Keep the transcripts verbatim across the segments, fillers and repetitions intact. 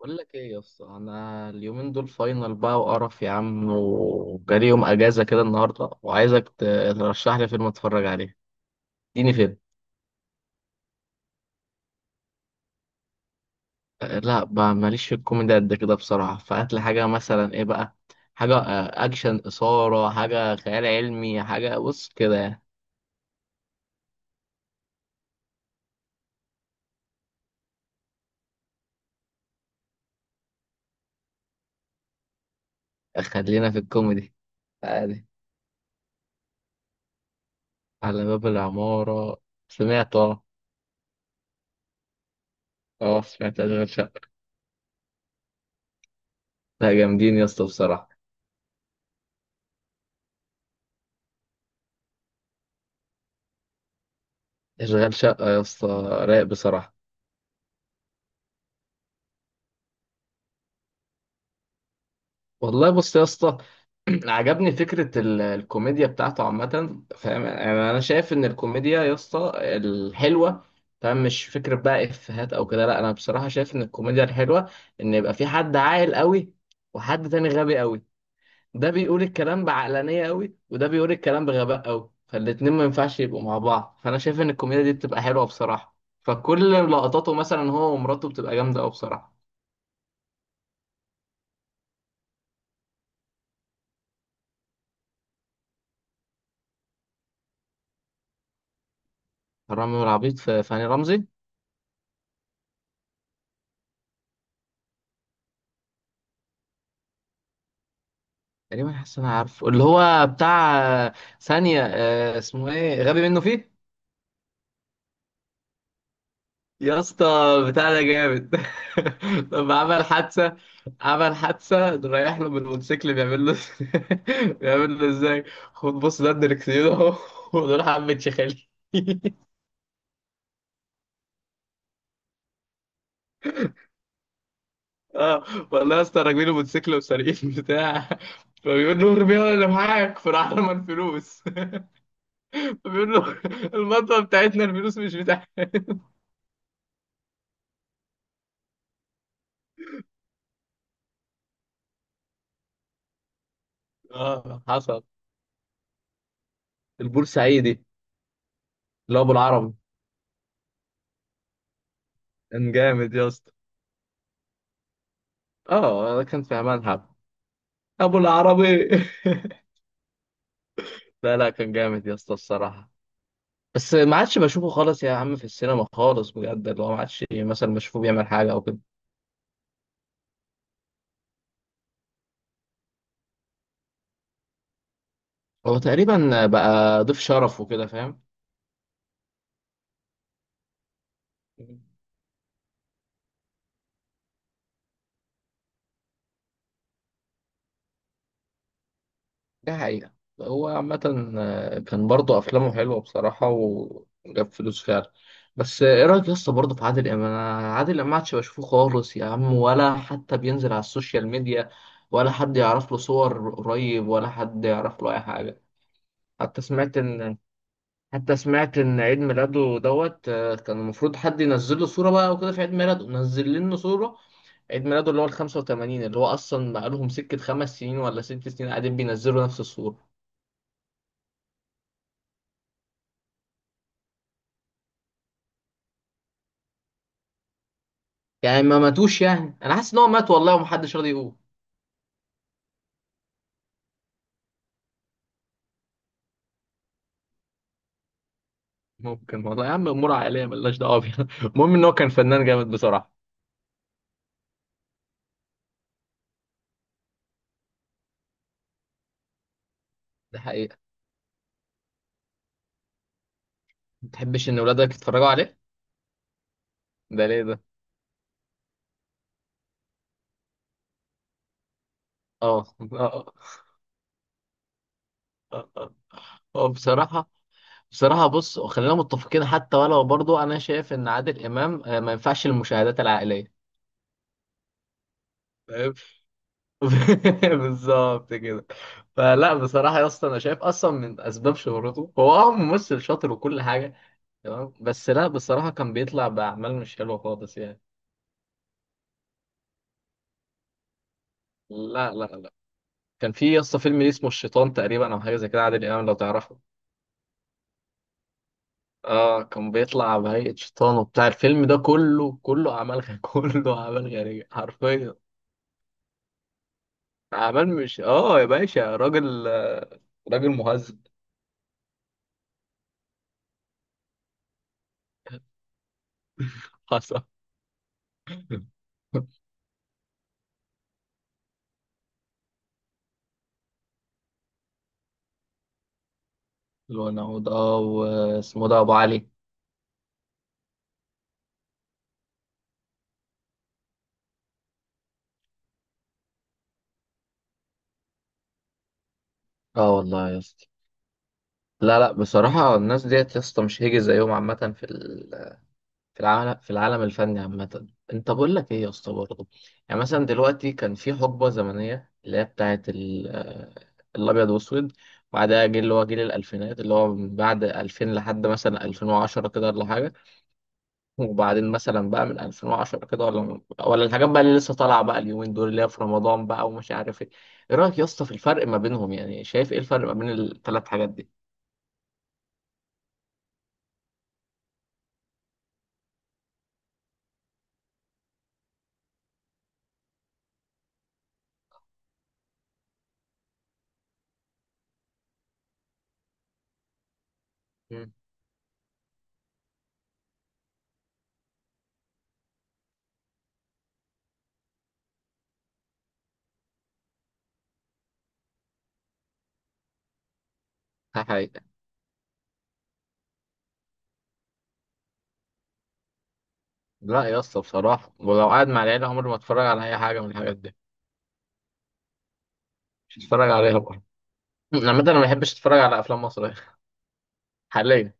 بقول لك ايه يا اسطى، انا اليومين دول فاينل بقى وقرف يا عم، وجالي يوم اجازه كده النهارده وعايزك ت- ترشح لي فيلم اتفرج عليه. اديني فيلم. أه، لا بقى ماليش في الكوميدي قد كده بصراحه، فهات لي حاجه مثلا ايه بقى. حاجه أه، اكشن، اثاره، حاجه خيال علمي، حاجه بص كده يعني. خلينا في الكوميدي. عادي. على باب العماره. سمعت اه. اه سمعت اشغال شقه. لا جامدين يا اسطى بصراحه. اشغال شقه يا اسطى. رايق بصراحه. والله بص يا اسطى. عجبني فكرة ال- الكوميديا بتاعته عامة. فاهم؟ يعني أنا شايف إن الكوميديا يا اسطى الحلوة، فاهم، مش فكرة بقى إفيهات أو كده. لا أنا بصراحة شايف إن الكوميديا الحلوة إن يبقى في حد عاقل قوي وحد تاني غبي قوي. ده بيقول الكلام بعقلانية قوي وده بيقول الكلام بغباء قوي، فالاتنين ما ينفعش يبقوا مع بعض. فأنا شايف إن الكوميديا دي بتبقى حلوة بصراحة. فكل لقطاته مثلا هو ومراته بتبقى جامدة قوي بصراحة. رامي والعبيط، في في هاني رمزي. تقريبا حاسس إن انا عارفه اللي هو بتاع. آه، ثانية. آه، اسمه ايه؟ غبي منه فيه. يا اسطى بتاع ده جامد. لما عمل حادثة. عمل حادثة رايح له بالموتوسيكل بيعمل له. بيعمل له ازاي؟ خد بص، ده الدركسيون اهو. ودول حبة شخالي. اه والله يا اسطى، راكبين الموتوسيكل وسارقين بتاع، فبيقول له ارميها اللي معاك، فراح رمى الفلوس. فبيقول له المطوه بتاعتنا، الفلوس مش بتاعتك. اه حصل. البورسعيدي، اللي هو ابو العربي. كان جامد يا اسطى. اه كان في امان حب. ابو العربي. لا لا، كان جامد يا اسطى الصراحه. بس ما عادش بشوفه خالص يا عم في السينما خالص بجد، اللي هو ما عادش مثلا بشوفه بيعمل حاجه او كده. هو تقريبا بقى ضيف شرف وكده، فاهم. ده حقيقة. هو عامة آه، كان برضه أفلامه حلوة بصراحة وجاب فلوس فعلا. بس آه، إيه رأيك يا اسطى برضه في عادل إمام؟ أنا عادل إمام محدش بشوفه خالص يا عم، ولا حتى بينزل على السوشيال ميديا، ولا حد يعرف له صور قريب، ولا حد يعرف له أي حاجة. حتى سمعت إن حتى سمعت إن عيد ميلاده دوت آه، كان المفروض حد ينزل له صورة بقى وكده في عيد ميلاده، نزل لنا صورة عيد ميلاده اللي هو ال الخمسة وثمانين، اللي هو أصلا بقالهم سكة خمس سنين ولا ست سنين قاعدين بينزلوا نفس الصورة. يعني ما ماتوش؟ يعني انا حاسس ان هو مات والله ومحدش راضي يقول. ممكن والله يا عم، امور عائليه ملناش دعوه بيها. المهم ان هو كان فنان جامد بصراحه. ده حقيقه. ما تحبش ان ولادك يتفرجوا عليه؟ ده ليه ده؟ اه اه اه. آه. آه، بصراحه. بصراحه بص، خلينا متفقين، حتى ولو برضو انا شايف ان عادل امام آه، ما ينفعش المشاهدات العائليه، فاهم. بالظبط كده. فلا بصراحه يا اسطى، انا شايف اصلا من اسباب شهرته هو اه ممثل شاطر وكل حاجه، تمام، بس لا بصراحة كان بيطلع بأعمال مش حلوة خالص يعني. لا لا لا. كان في يسطا فيلم ليه اسمه الشيطان تقريبا، أو حاجة زي كده، عادل إمام، لو تعرفه. اه كان بيطلع بهيئة شيطان وبتاع، الفيلم ده كله كله أعمال غ- كله أعمال غريبة حرفيا. أعمال مش اه يا باشا راجل آه، راجل مهذب. حصل. ونعود، اه، واسمه ده أبو علي. اه والله يا اسطى. لا لا، بصراحة الناس ديت يا اسطى مش هيجي زيهم عامة في في العالم في العالم الفني عامة. انت بقول لك ايه يا اسطى برضه، يعني مثلا دلوقتي كان في حقبة زمنية اللي هي بتاعت ال- آه، الابيض واسود. بعدها جيل اللي هو جيل الالفينات، اللي هو من بعد ألفين لحد مثلا ألفين وعشرة كده ولا حاجة. وبعدين مثلا بقى من ألفين وعشرة كده ولا ولا الحاجات بقى اللي لسه طالعة بقى اليومين دول، اللي هي في رمضان بقى ومش عارف ايه. ايه رأيك يا اسطى في الفرق ما بينهم؟ يعني شايف ايه الفرق ما بين الثلاث حاجات دي؟ مم. ده حقيقة. لا يا اسطى بصراحة، ولو قاعد مع العيلة عمري ما اتفرج على اي حاجة من الحاجات دي. مش هتفرج عليها بره. عامة انا ما بحبش اتفرج على افلام مصرية. حاليا.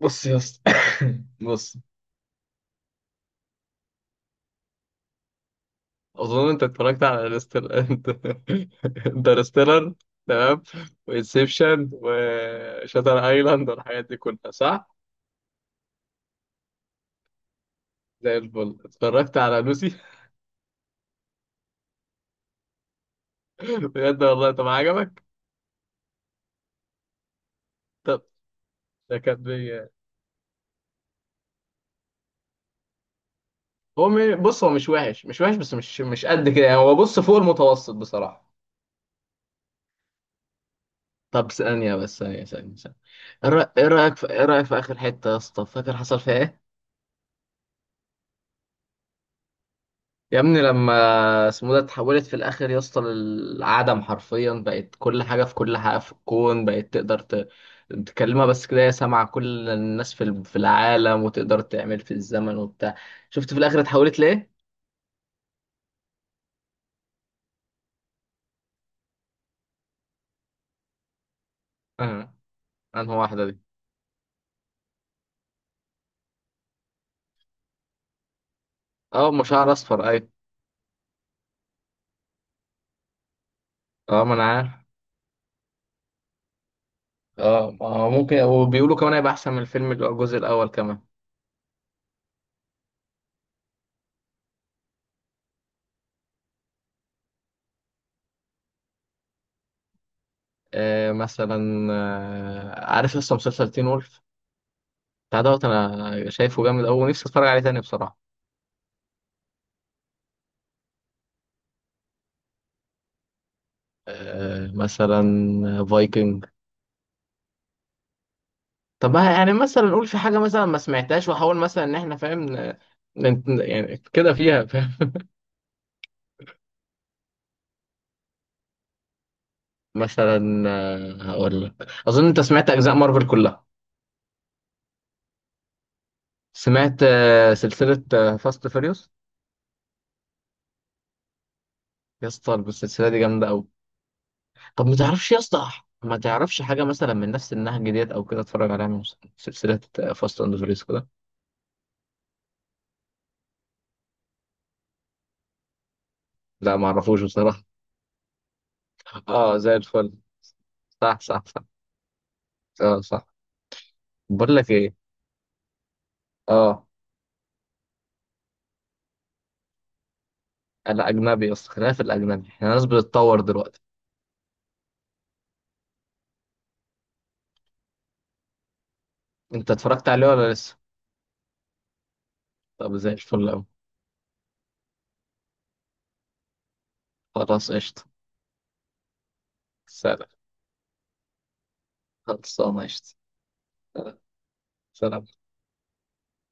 بص يا اسطى. بص. اظن انت اتفرجت على انترستيلر انت. انترستيلر، تمام، وانسبشن وشاتر ايلاند والحاجات دي كلها، صح؟ زي الفل. اتفرجت على لوسي. بجد والله. طب عجبك؟ طب ده كان بي- هو م- بص، هو مش وحش، مش وحش، بس مش مش قد كده يعني. هو بص فوق المتوسط بصراحة. طب ثانية بس، ثانية ثانية ثانية. ايه رأ- إيه رأيك في، ايه رأيك في آخر حتة يا اسطى، فاكر حصل فيها ايه؟ يا ابني لما اسمه ده، اتحولت في الآخر يا اسطى للعدم حرفيا، بقت كل حاجة في كل حاجة في الكون، بقت تقدر ت... تكلمها بس كده، هي سامعة كل الناس في ال- في العالم، وتقدر تعمل في الزمن وبتاع. شفت في الآخر اتحولت ليه؟ اه. انهي واحدة دي؟ اه، أم شعر أصفر، أيوة. اه ما أنا عارف. اه ما هو ممكن، وبيقولوا كمان هيبقى أحسن من الفيلم اللي هو الجزء الأول كمان. آه مثلا، آه عارف لسه مسلسل تين وولف، بتاع دوت، انا شايفه جامد قوي ونفسي اتفرج عليه تاني بصراحه. آه مثلا، آه، فايكنج. طب ما يعني مثلا نقول في حاجه مثلا ما سمعتهاش واحاول مثلا ان احنا فاهم ن- ن- يعني كده فيها، فاهم. مثلا آه، هقول لك. اظن انت سمعت اجزاء مارفل كلها. سمعت آه، سلسله فاست فيريوس. يا اسطى السلسله دي جامده قوي. طب ما تعرفش يا اسطى، ما تعرفش حاجة مثلا من نفس النهج ديت أو كده أتفرج عليها من سلسلة فاست أند فيريوس كده. لا ما أعرفوش بصراحة. أه زي الفل. صح صح صح. أه صح. بقول لك إيه. أه. أنا أجنبي يا اسطى، خلينا في الأجنبي، إحنا ناس بتتطور دلوقتي. أنت اتفرجت عليه ولا لسه؟ طب زي الفل أوي. خلاص قشطة. سلام. خلصانة قشطة. سلام.